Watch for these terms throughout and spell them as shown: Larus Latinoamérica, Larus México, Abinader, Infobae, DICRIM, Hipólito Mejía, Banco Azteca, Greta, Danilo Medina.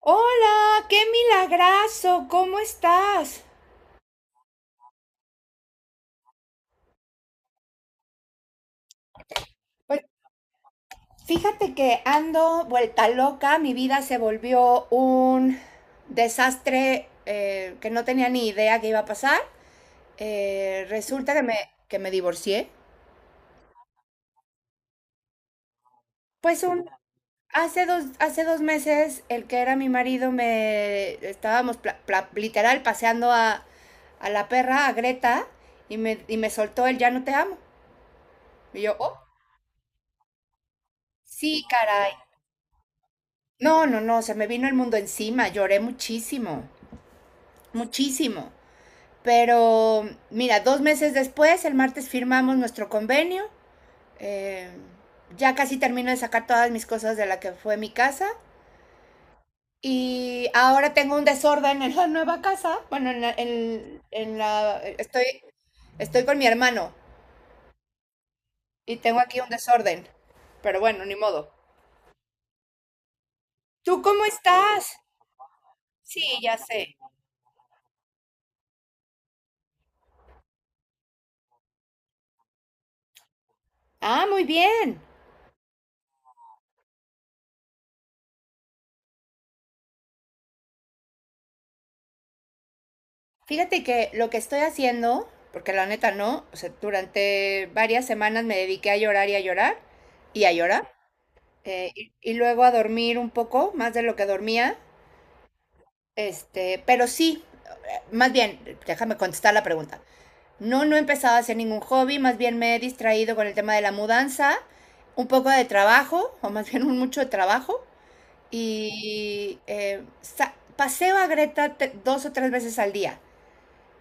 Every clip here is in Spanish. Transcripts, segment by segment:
Hola, qué milagrazo, ¿cómo estás? Pues fíjate que ando vuelta loca, mi vida se volvió un desastre que no tenía ni idea que iba a pasar. Resulta que que me divorcié. Pues un, hace dos meses el que era mi marido me estábamos literal paseando a la perra, a Greta, y y me soltó el ya no te amo. Y yo, oh, sí, caray. No, no, no, se me vino el mundo encima, lloré muchísimo, muchísimo. Pero mira, dos meses después, el martes firmamos nuestro convenio. eh, ya casi termino de sacar todas mis cosas de la que fue mi casa. Y ahora tengo un desorden en la nueva casa. Bueno, en la- estoy, estoy con mi hermano y tengo aquí un desorden. Pero bueno, ni modo. ¿Tú cómo estás? Sí, ya sé. Ah, muy bien. Fíjate que lo que estoy haciendo, porque la neta no, o sea, durante varias semanas me dediqué a llorar y a llorar y a llorar, y luego a dormir un poco, más de lo que dormía, este, pero sí, más bien, déjame contestar la pregunta. No, no he empezado a hacer ningún hobby, más bien me he distraído con el tema de la mudanza, un poco de trabajo, o más bien un mucho de trabajo, y paseo a Greta dos o tres veces al día.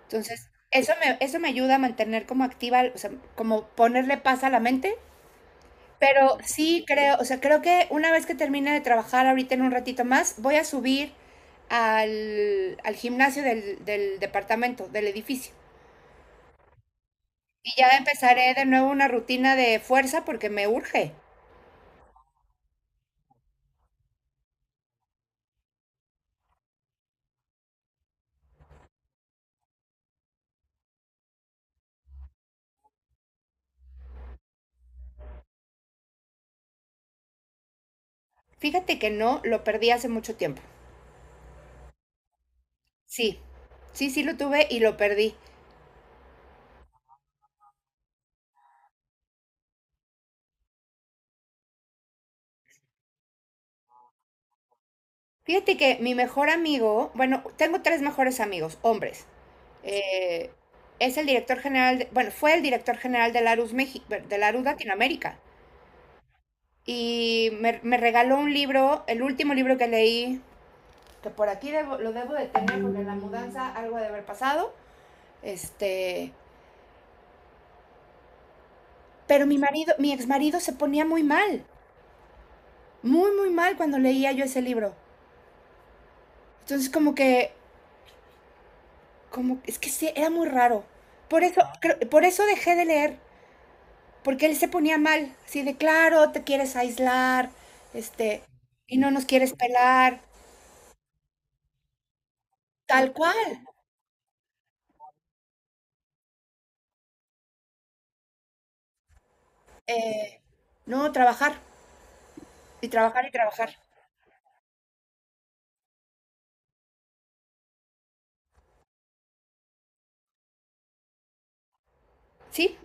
Entonces, eso me ayuda a mantener como activa, o sea, como ponerle paz a la mente. Pero sí creo, o sea, creo que una vez que termine de trabajar ahorita en un ratito más, voy a subir al gimnasio del departamento, del edificio. Y ya empezaré de nuevo una rutina de fuerza porque me urge. Fíjate que no, lo perdí hace mucho tiempo. Sí, sí, sí lo tuve y lo perdí. Fíjate que mi mejor amigo, bueno, tengo tres mejores amigos, hombres. Eh, es el director general, bueno, fue el director general de Larus México, de Larus Latinoamérica. Y me regaló un libro, el último libro que leí, que por aquí lo debo de tener porque en la mudanza algo ha de haber pasado. Este, pero mi marido, mi exmarido se ponía muy mal, muy, muy mal cuando leía yo ese libro. Entonces es que sí, era muy raro. Por eso, por eso dejé de leer. Porque él se ponía mal, así de claro, te quieres aislar, este, y no nos quieres pelar, tal cual. Eh, no, trabajar, y trabajar y trabajar. Sí,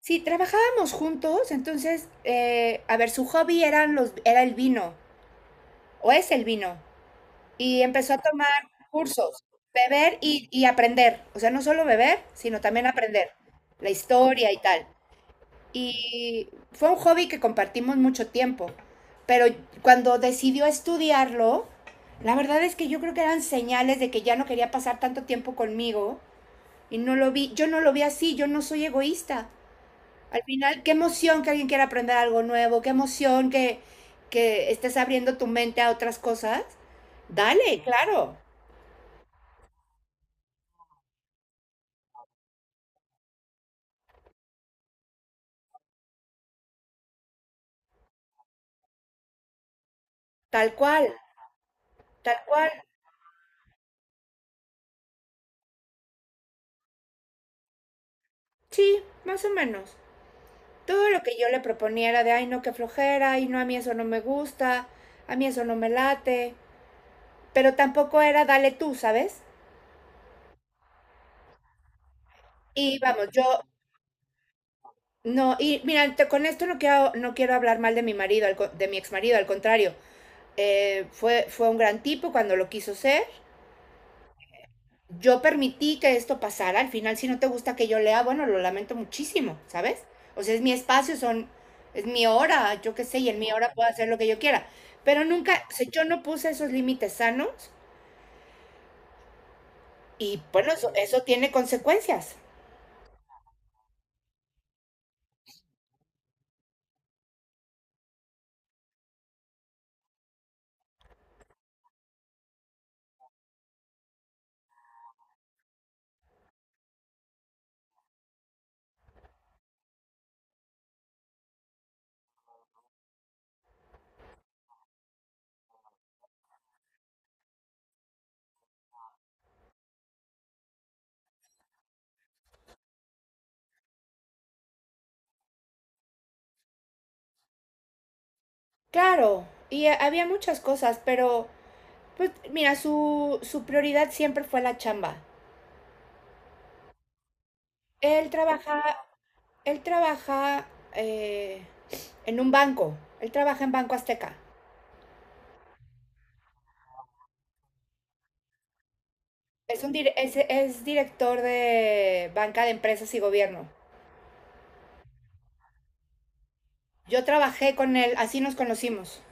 sí, trabajábamos juntos, entonces, a ver, su hobby eran los, era el vino, o es el vino, y empezó a tomar cursos, beber y aprender. O sea, no solo beber, sino también aprender la historia y tal. Y fue un hobby que compartimos mucho tiempo, pero cuando decidió estudiarlo, la verdad es que yo creo que eran señales de que ya no quería pasar tanto tiempo conmigo y no lo vi, yo no lo vi así, yo no soy egoísta. Al final, qué emoción que alguien quiera aprender algo nuevo, qué emoción que estés abriendo tu mente a otras cosas. Dale, claro, tal cual, tal cual. Sí, más o menos. Todo lo que yo le proponía era de, ay, no, qué flojera, y no, a mí eso no me gusta, a mí eso no me late, pero tampoco era, dale tú, ¿sabes? Y vamos, yo, no, y mira, con esto no quiero, no quiero hablar mal de mi marido, de mi ex marido, al contrario, fue, fue un gran tipo cuando lo quiso ser, yo permití que esto pasara, al final si no te gusta que yo lea, bueno, lo lamento muchísimo, ¿sabes? O sea, es mi espacio, son, es mi hora, yo qué sé, y en mi hora puedo hacer lo que yo quiera. Pero nunca, o sea, yo no puse esos límites sanos y bueno, eso tiene consecuencias. Claro, y había muchas cosas, pero pues mira, su prioridad siempre fue la chamba. Él trabaja, él trabaja eh, en un banco, él trabaja en Banco Azteca. Es director de banca de empresas y gobierno. Yo trabajé con él, así nos conocimos.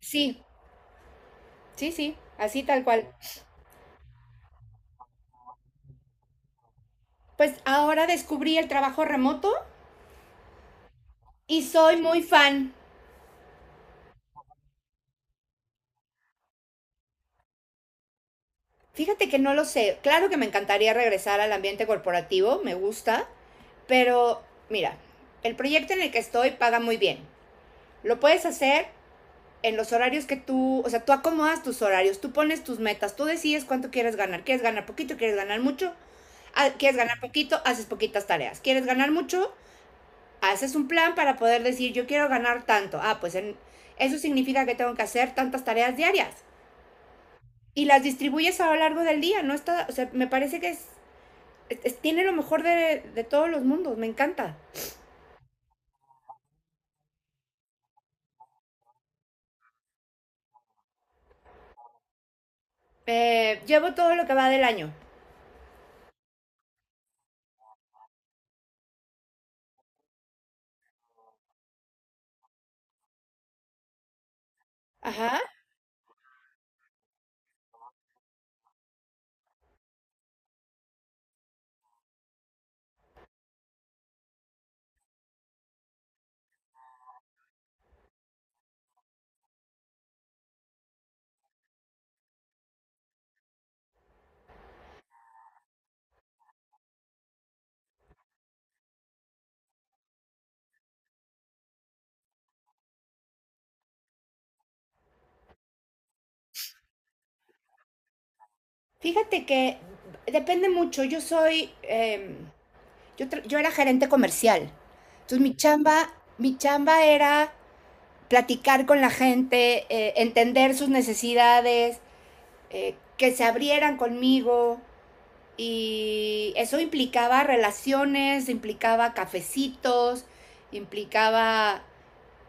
Sí, sí, sí, así tal cual. Pues ahora descubrí el trabajo remoto y soy muy fan. Fíjate que no lo sé. Claro que me encantaría regresar al ambiente corporativo, me gusta, pero mira, el proyecto en el que estoy paga muy bien. Lo puedes hacer en los horarios que tú, o sea, tú acomodas tus horarios, tú pones tus metas, tú decides cuánto quieres ganar. ¿Quieres ganar poquito? ¿Quieres ganar mucho? Ah, ¿quieres ganar poquito? Haces poquitas tareas. ¿Quieres ganar mucho? Haces un plan para poder decir, yo quiero ganar tanto. Ah, eso significa que tengo que hacer tantas tareas diarias. Y las distribuyes a lo largo del día, ¿no? Está, o sea, me parece que es tiene lo mejor todos los mundos, me encanta. Llevo todo lo que va del año. Ajá. Fíjate que depende mucho, yo soy... yo era gerente comercial. Entonces mi chamba era platicar con la gente, entender sus necesidades, que se abrieran conmigo. Y eso implicaba relaciones, implicaba cafecitos, implicaba,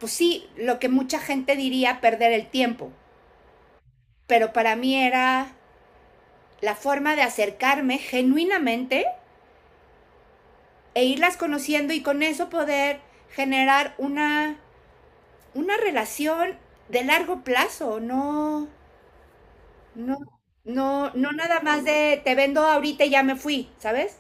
pues sí, lo que mucha gente diría perder el tiempo. Pero para mí era la forma de acercarme genuinamente e irlas conociendo y con eso poder generar una relación de largo plazo, no, no, no, no nada más de te vendo ahorita y ya me fui, ¿sabes?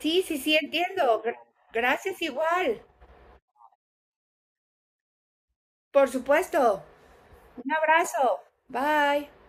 Sí, sí, sí, entiendo. Gracias igual. Por supuesto. Un abrazo. Bye.